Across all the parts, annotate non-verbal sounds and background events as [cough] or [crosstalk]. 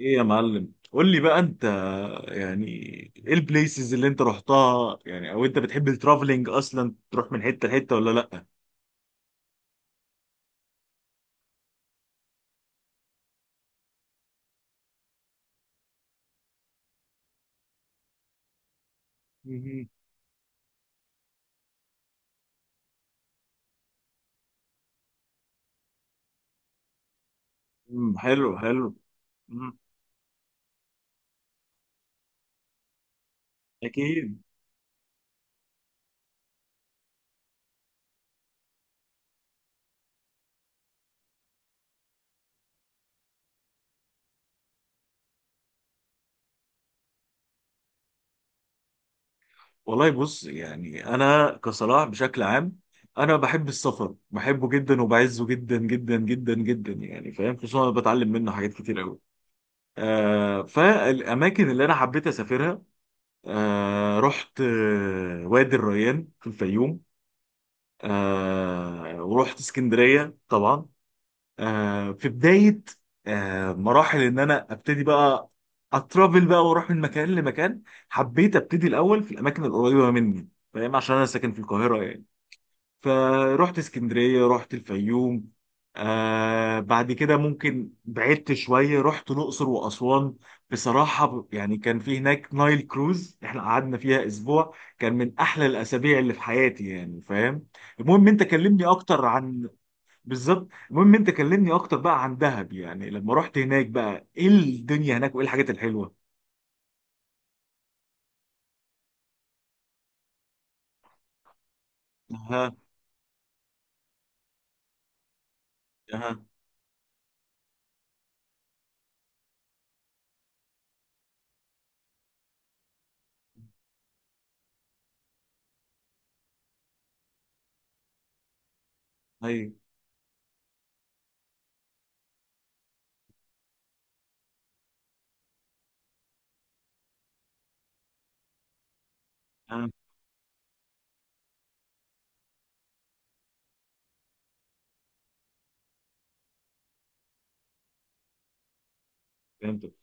ايه يا معلم، قول لي بقى انت يعني ايه البليسز اللي انت رحتها؟ يعني او انت بتحب الترافلينج اصلا تروح من حته لحته ولا لا؟ مهم. امم، حلو حلو. امم. اكيد. والله بص، يعني انا كصلاح بشكل عام انا بحب السفر، بحبه جدا وبعزه جدا جدا جدا جدا، يعني فاهم، خصوصا انا بتعلم منه حاجات كتير قوي. آه، فالاماكن اللي انا حبيت اسافرها، آه، رحت وادي الريان في الفيوم، آه، ورحت اسكندرية طبعا، آه، في بداية آه مراحل ان انا ابتدي بقى اترافل بقى واروح من مكان لمكان. حبيت ابتدي الاول في الاماكن القريبة مني، فاهم، عشان انا ساكن في القاهرة. فرحت اسكندرية، رحت الفيوم، آه، بعد كده ممكن بعدت شوية رحت الأقصر وأسوان. بصراحة يعني كان في هناك نايل كروز، احنا قعدنا فيها أسبوع، كان من أحلى الأسابيع اللي في حياتي، يعني فاهم. المهم أنت كلمني أكتر عن، بالظبط، المهم أنت كلمني أكتر بقى عن دهب، يعني لما رحت هناك بقى إيه الدنيا هناك وإيه الحاجات الحلوة؟ أها. أها. أيوه. أها. فهمتك.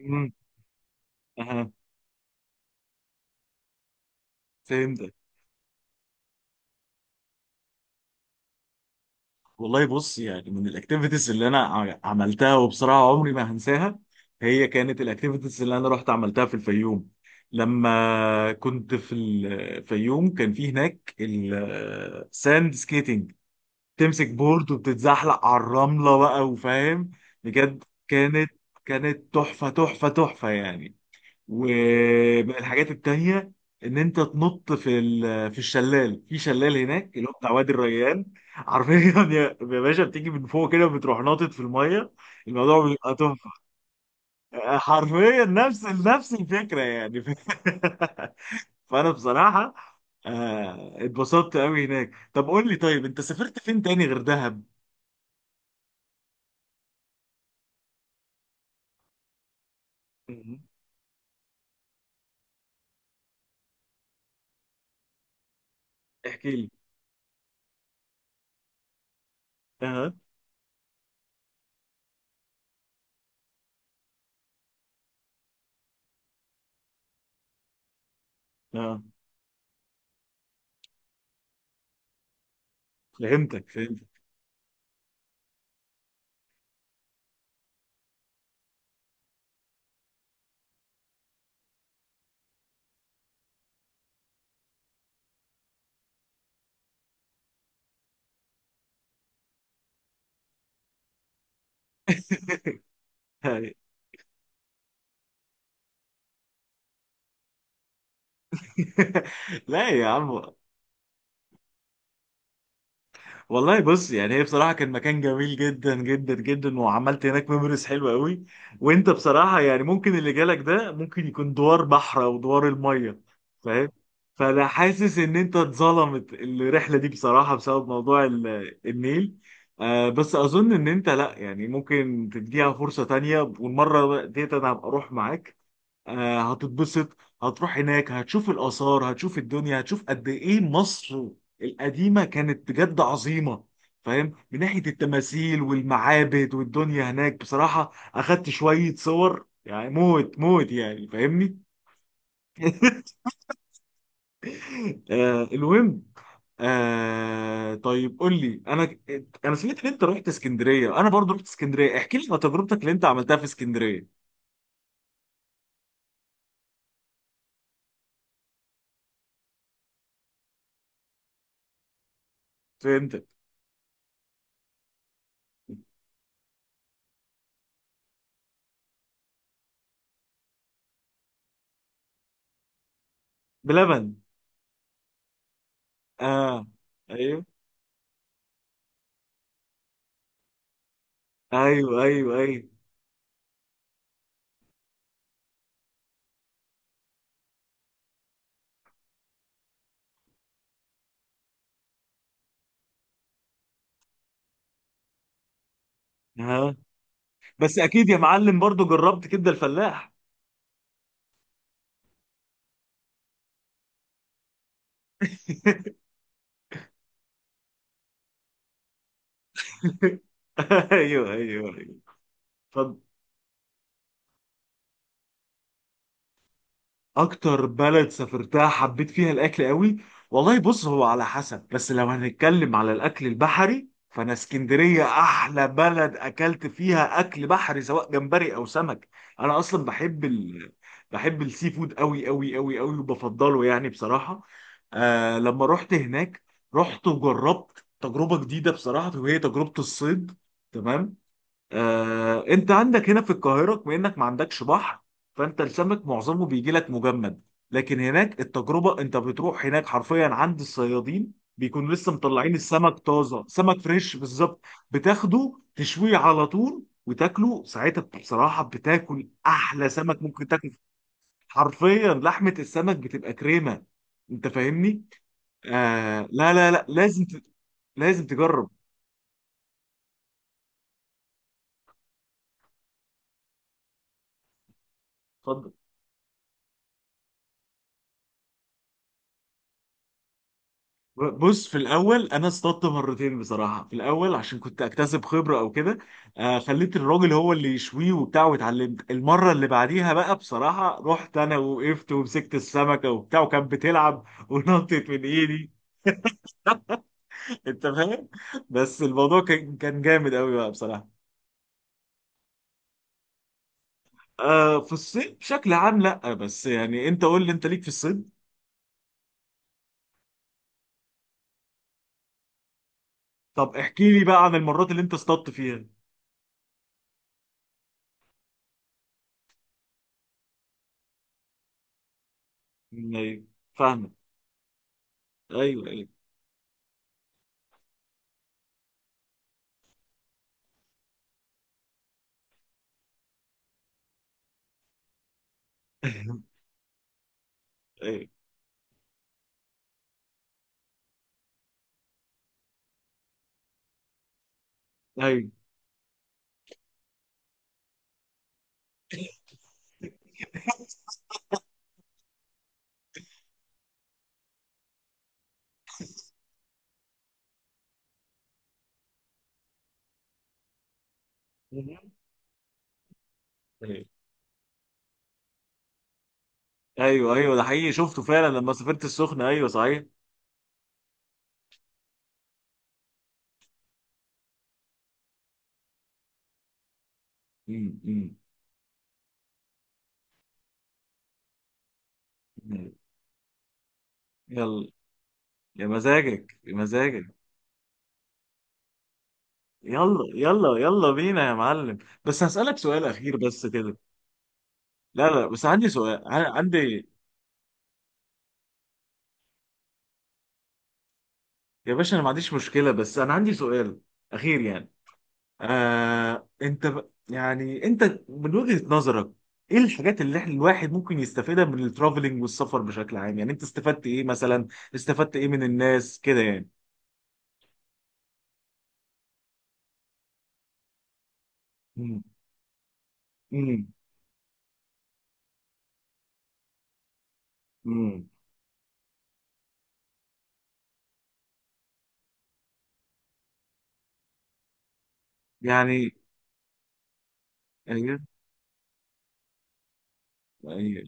أمم، أها. فهمتك. والله بص، يعني من الاكتيفيتيز اللي انا عملتها وبصراحه عمري ما هنساها، هي كانت الاكتيفيتيز اللي انا رحت عملتها في الفيوم. لما كنت في الفيوم كان في هناك الساند سكيتنج، تمسك بورد وبتتزحلق على الرمله بقى، وفاهم، بجد كانت، كانت تحفه تحفه تحفه يعني. ومن الحاجات التانية ان انت تنط في الشلال، في شلال هناك اللي هو بتاع وادي الريان [laughs] حرفيا يا باشا، بتيجي من فوق كده بتروح ناطط في الميه. الموضوع بيبقى تحفه. آه، حرفيا نفس الفكره يعني [laughs] فانا بصراحه آه، اتبسطت قوي هناك. طب قول لي، طيب انت سافرت فين تاني غير دهب؟ مهم. احكي لي. اه. اه. فهمتك فهمتك. [laughs] لا يا عم، والله بص، يعني هي بصراحة كان مكان جميل جدا جدا جدا، وعملت هناك ميموريز حلوة قوي. وانت بصراحة يعني ممكن اللي جالك ده ممكن يكون دوار بحر او دوار المية، فاهم. فانا حاسس ان انت اتظلمت الرحلة دي بصراحة بسبب موضوع النيل. آه، بس اظن ان انت لا، يعني ممكن تديها فرصة تانية، والمرة ديت انا هبقى اروح معاك. آه، هتتبسط، هتروح هناك هتشوف الآثار، هتشوف الدنيا، هتشوف قد إيه مصر القديمة كانت بجد عظيمة، فاهم، من ناحية التماثيل والمعابد، والدنيا هناك بصراحة أخدت شوية صور يعني موت موت، يعني فاهمني. [laughs] آه، المهم آه، طيب قول لي انا، انا سمعت ان انت رحت اسكندريه، انا برضو رحت اسكندريه، احكي لي عن تجربتك اللي انت عملتها في اسكندريه. فهمتك. بلبن. اه. ايوه ايوه ايوه ايوه. ها. بس اكيد يا معلم برضو جربت كبده الفلاح. [laughs] ايوه ايوه ايوه. اتفضل. اكتر بلد سافرتها حبيت فيها الاكل قوي. والله بص، هو على حسب، بس لو هنتكلم على الاكل البحري فانا اسكندريه احلى بلد اكلت فيها اكل بحري، سواء جمبري او سمك. انا اصلا بحب ال... بحب السي فود قوي قوي قوي قوي، وبفضله يعني بصراحه. آه، لما رحت هناك رحت وجربت تجربه جديده بصراحه، وهي تجربه الصيد. تمام. آه، انت عندك هنا في القاهره بما انك ما عندكش بحر، فانت السمك معظمه بيجي لك مجمد. لكن هناك التجربه انت بتروح هناك حرفيا عند الصيادين بيكونوا لسه مطلعين السمك طازه، سمك فريش بالظبط. بتاخده تشويه على طول وتاكله ساعتها، بصراحه بتاكل احلى سمك ممكن تاكل. حرفيا لحمه السمك بتبقى كريمه، انت فاهمني. آه، لا لا لا، لازم ت... لازم تجرب. اتفضل. بص في الاول انا اصطدت مرتين بصراحه، في الاول عشان كنت اكتسب خبره او كده. آه، خليت الراجل هو اللي يشويه وبتاع، واتعلمت المره اللي بعديها بقى بصراحه، رحت انا وقفت ومسكت السمكه وبتاع، وكانت بتلعب [laughs] ونطت من ايدي. [laughs] انت فاهم، بس الموضوع كان، كان جامد قوي بقى بصراحه. آه، في الصيد بشكل عام لا، بس يعني انت قول لي انت ليك في الصيد. طب احكي لي بقى عن المرات اللي انت اصطدت فيها. ايوه. فاهمك. ايوه ايوه. [laughs] ايوه ايوه ايوه ايوه، ده حقيقي شفته فعلا لما سافرت السخنه، ايوه صحيح. أمم، أمم، أمم. يلا، يا مزاجك يا مزاجك. يلا يلا يلا بينا يا معلم. بس هسألك سؤال اخير بس كده. لا لا، بس عندي سؤال، عندي، يا باشا انا ما عنديش مشكله، بس انا عندي سؤال اخير يعني. آه، انت ب... يعني انت من وجهه نظرك، ايه الحاجات اللي احنا الواحد ممكن يستفيدها من الترافلينج والسفر بشكل عام؟ يعني انت استفدت ايه مثلا؟ استفدت ايه من الناس كده يعني؟ امم. امم. امم. يعني أيوه، أيوه.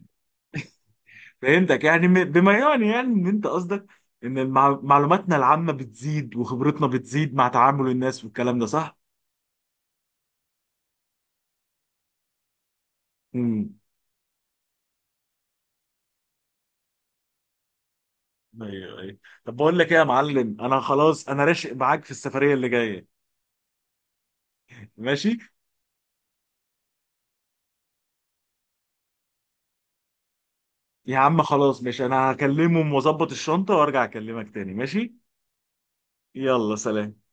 فهمتك، يعني بما يعني، يعني ان انت قصدك ان معلوماتنا العامه بتزيد وخبرتنا بتزيد مع تعامل الناس والكلام ده، صح؟ امم. ايوه ايوه. طب بقول لك ايه يا معلم، انا خلاص انا راشق معاك في السفريه اللي جايه. ماشي. يا عم خلاص، ماشي، انا هكلمهم واظبط الشنطه وارجع اكلمك تاني، ماشي. يلا سلام.